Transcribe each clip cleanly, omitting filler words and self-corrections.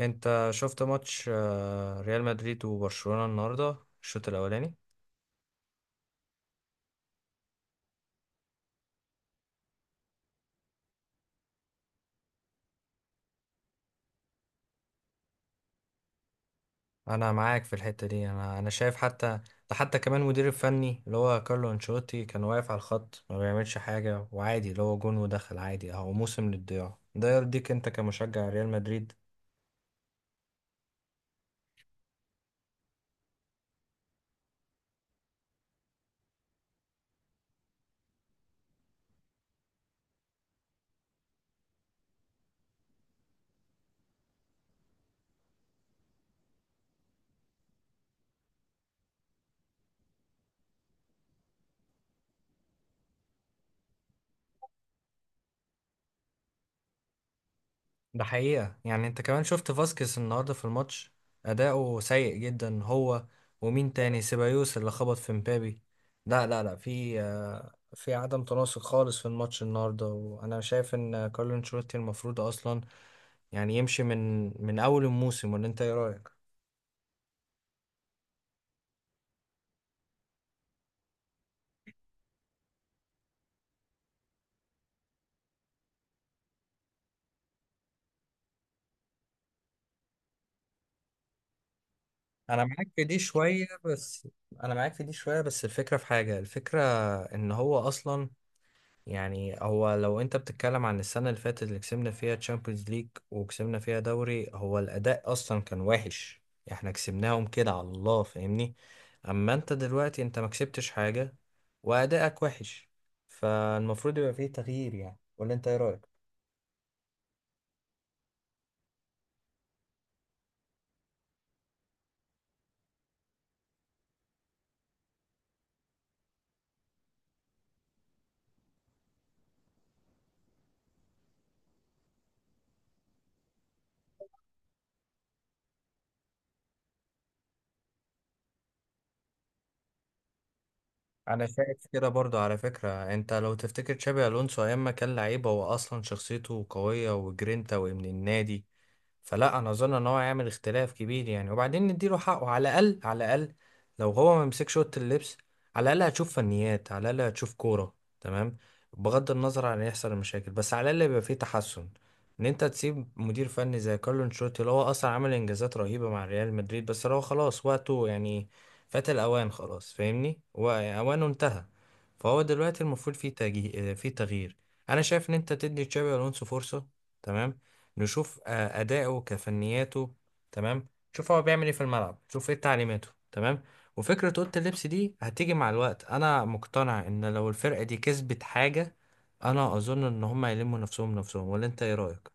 انت شفت ماتش ريال مدريد وبرشلونة النهاردة. الشوط الاولاني. انا معاك في الحتة دي، انا شايف، حتى ده حتى كمان مدير الفني اللي هو كارلو انشيلوتي كان واقف على الخط ما بيعملش حاجة، وعادي اللي هو جون ودخل عادي اهو، موسم للضياع. ده يرضيك انت كمشجع ريال مدريد؟ ده حقيقة. يعني انت كمان شفت فاسكيز النهاردة في الماتش، أداؤه سيء جدا هو. ومين تاني؟ سيبايوس اللي خبط في مبابي. لا، لا، لا، في عدم تناسق خالص في الماتش النهاردة. وأنا شايف إن كارلو أنشيلوتي المفروض أصلا يعني يمشي من أول الموسم. ولا أنت إيه رأيك؟ أنا معاك في دي شوية بس أنا معاك في دي شوية، بس الفكرة في حاجة. الفكرة إن هو أصلا، يعني هو، لو انت بتتكلم عن السنة اللي فاتت اللي كسبنا فيها تشامبيونز ليج وكسبنا فيها دوري، هو الأداء أصلا كان وحش. احنا كسبناهم كده على الله، فاهمني؟ أما انت دلوقتي، انت ما كسبتش حاجة، وأداءك وحش. فالمفروض يبقى فيه تغيير يعني. ولا انت ايه رأيك؟ انا شايف كده برضو. على فكرة، انت لو تفتكر تشابي الونسو ايام ما كان لعيب، هو اصلا شخصيته قوية وجرينتا وابن النادي. فلا، انا اظن ان هو هيعمل اختلاف كبير يعني، وبعدين نديله حقه، على الاقل على الاقل. لو هو ما مسكش اوضه اللبس، على الاقل هتشوف فنيات، على الاقل هتشوف كوره. تمام. بغض النظر عن يحصل المشاكل، بس على الاقل يبقى فيه تحسن. ان انت تسيب مدير فني زي كارلو انشيلوتي اللي هو اصلا عمل انجازات رهيبه مع ريال مدريد، بس هو خلاص وقته يعني، فات الاوان خلاص، فاهمني؟ واوانه انتهى. فهو دلوقتي المفروض فيه فيه تغيير. انا شايف ان انت تدي تشابي الونسو فرصه. تمام. نشوف أداؤه كفنياته. تمام. نشوف هو بيعمل إيه في الملعب، نشوف إيه تعليماته. تمام. وفكرة أوضة اللبس دي هتيجي مع الوقت. أنا مقتنع إن لو الفرقة دي كسبت حاجة، أنا أظن إن هما يلموا نفسهم نفسهم. ولا أنت إيه رأيك؟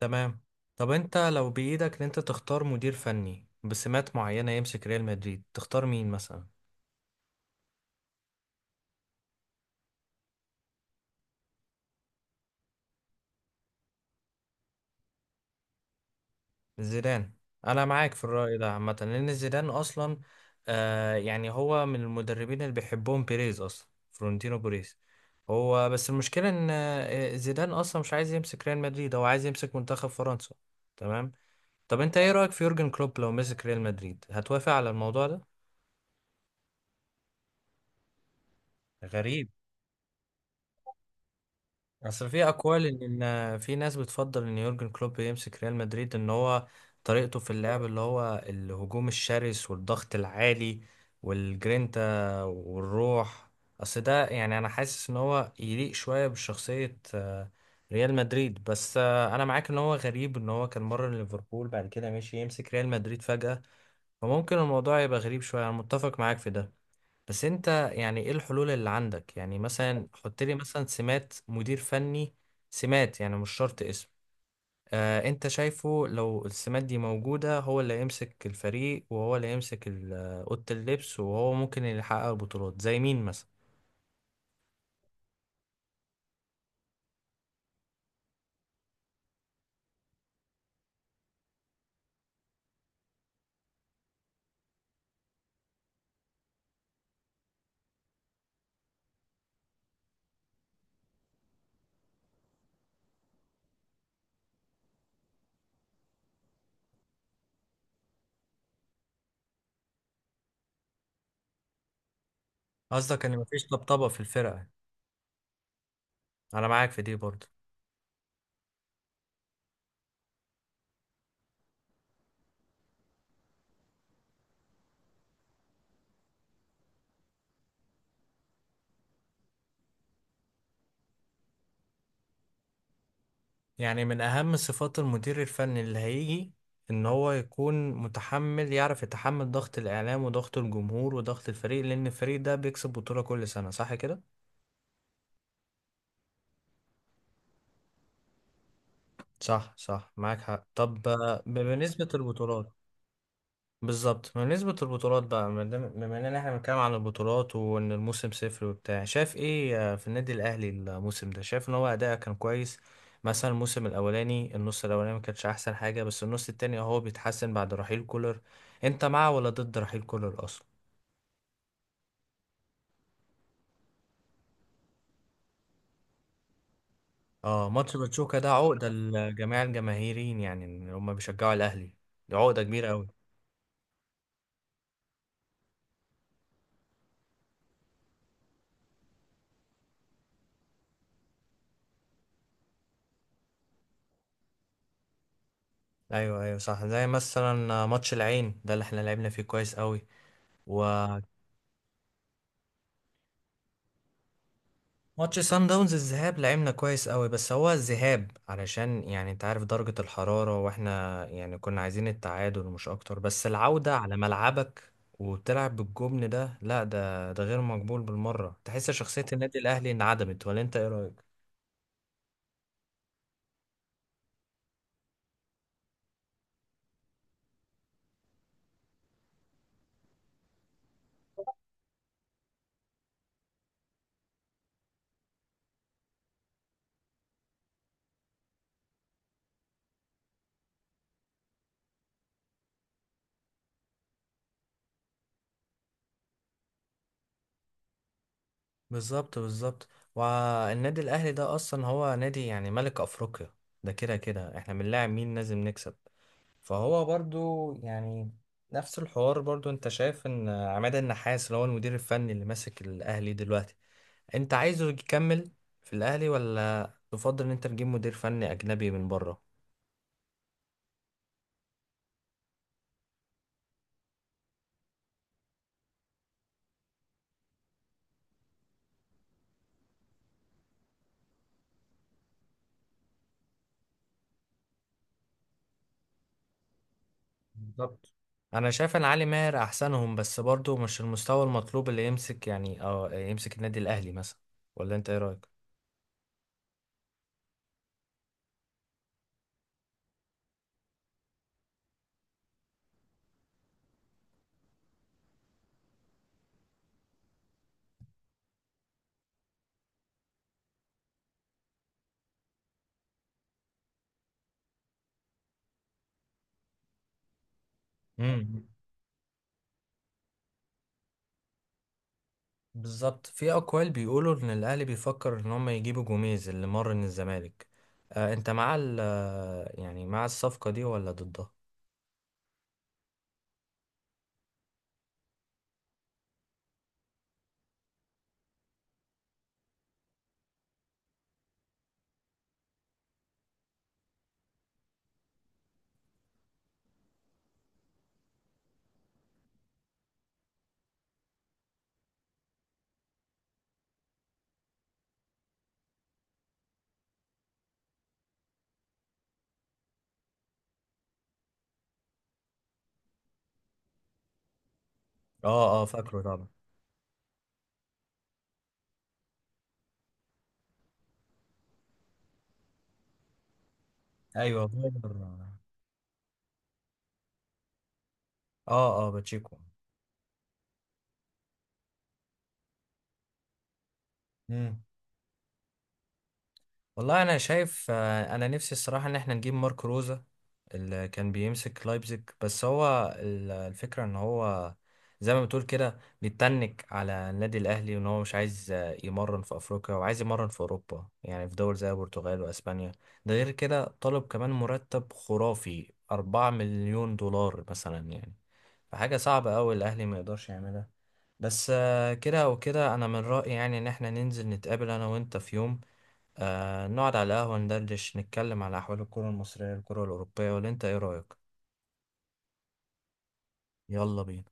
تمام. طب أنت لو بإيدك إن أنت تختار مدير فني بسمات معينة يمسك ريال مدريد، تختار مين مثلا؟ زيدان. انا معاك في الرأي ده عامة، لان زيدان اصلا يعني هو من المدربين اللي بيحبهم بيريز اصلا، فرونتينو بيريز. هو بس المشكلة ان زيدان اصلا مش عايز يمسك ريال مدريد، هو عايز يمسك منتخب فرنسا. تمام. طب انت ايه رأيك في يورجن كلوب؟ لو مسك ريال مدريد هتوافق على الموضوع ده؟ غريب. اصل في اقوال ان في ناس بتفضل ان يورجن كلوب يمسك ريال مدريد، ان هو طريقته في اللعب اللي هو الهجوم الشرس والضغط العالي والجرينتا والروح. اصل ده يعني انا حاسس ان هو يليق شوية بشخصية ريال مدريد. بس انا معاك ان هو غريب، ان هو كان مرة ليفربول بعد كده مشي يمسك ريال مدريد فجأة. فممكن الموضوع يبقى غريب شوية. انا متفق معاك في ده. بس انت، يعني ايه الحلول اللي عندك؟ يعني مثلا حط لي مثلا سمات مدير فني، سمات يعني مش شرط اسم. انت شايفه لو السمات دي موجودة، هو اللي يمسك الفريق، وهو اللي يمسك اوضة اللبس، وهو ممكن اللي يحقق البطولات، زي مين مثلا؟ قصدك ان مفيش طبطبة في الفرقة؟ انا معاك في دي برضه. يعني من اهم صفات المدير الفني اللي هيجي، ان هو يكون متحمل، يعرف يتحمل ضغط الاعلام وضغط الجمهور وضغط الفريق، لان الفريق ده بيكسب بطولة كل سنة، صح كده؟ صح، صح، معاك حق. طب بنسبة البطولات. بالظبط، بنسبة البطولات بقى، ما دام- بما اننا احنا بنتكلم عن البطولات وان الموسم صفر وبتاع، شايف ايه في النادي الاهلي الموسم ده؟ شايف ان هو اداءه كان كويس؟ مثلا الموسم الاولاني، النص الاولاني ما كانش احسن حاجة، بس النص التاني اهو بيتحسن بعد رحيل كولر. انت مع ولا ضد رحيل كولر اصلا؟ اه، ماتش باتشوكا ده عقدة لجميع الجماهيرين يعني اللي هم بيشجعوا الاهلي. دي عقدة كبيرة قوي. ايوه، ايوه، صح. زي مثلا ماتش العين ده اللي احنا لعبنا فيه كويس قوي، وماتش سان داونز. الذهاب لعبنا كويس قوي، بس هو الذهاب علشان يعني انت عارف درجة الحرارة، واحنا يعني كنا عايزين التعادل مش اكتر. بس العودة على ملعبك، وبتلعب بالجبن ده، لا، ده غير مقبول بالمرة. تحس شخصية النادي الاهلي انعدمت؟ ولا انت ايه رأيك؟ بالظبط، بالظبط. والنادي الاهلي ده اصلا هو نادي يعني ملك افريقيا. ده كده كده، احنا بنلاعب مين؟ لازم نكسب. فهو برضو يعني نفس الحوار برضو. انت شايف ان عماد النحاس اللي هو المدير الفني اللي ماسك الاهلي دلوقتي، انت عايزه يكمل في الاهلي؟ ولا تفضل ان انت تجيب مدير فني اجنبي من بره؟ بالظبط. انا شايف ان علي ماهر احسنهم، بس برضو مش المستوى المطلوب اللي يمسك يعني، يمسك النادي الاهلي مثلا. ولا انت ايه؟ رايك بالظبط. في اقوال بيقولوا ان الاهلي بيفكر ان هم يجيبوا جوميز اللي مر من الزمالك. انت مع ال آه، يعني مع الصفقه دي ولا ضدها؟ اه، اه، فاكره طبعا. ايوه، فاكر، اه. اه، باتشيكو. مم. والله انا شايف، انا نفسي الصراحه ان احنا نجيب ماركو روزا اللي كان بيمسك لايبزيج، بس هو الفكره ان هو زي ما بتقول كده، بيتنك على النادي الاهلي، وان هو مش عايز يمرن في افريقيا، وعايز يمرن في اوروبا، يعني في دول زي البرتغال واسبانيا. ده غير كده طالب كمان مرتب خرافي 4 مليون دولار مثلا يعني. فحاجه صعبه قوي، الاهلي ما يقدرش يعملها. بس كده او كده، انا من رايي يعني ان احنا ننزل نتقابل انا وانت في يوم، نقعد على القهوة، ندردش، نتكلم على أحوال الكرة المصرية، الكرة الأوروبية. ولا أنت إيه رأيك؟ يلا بينا.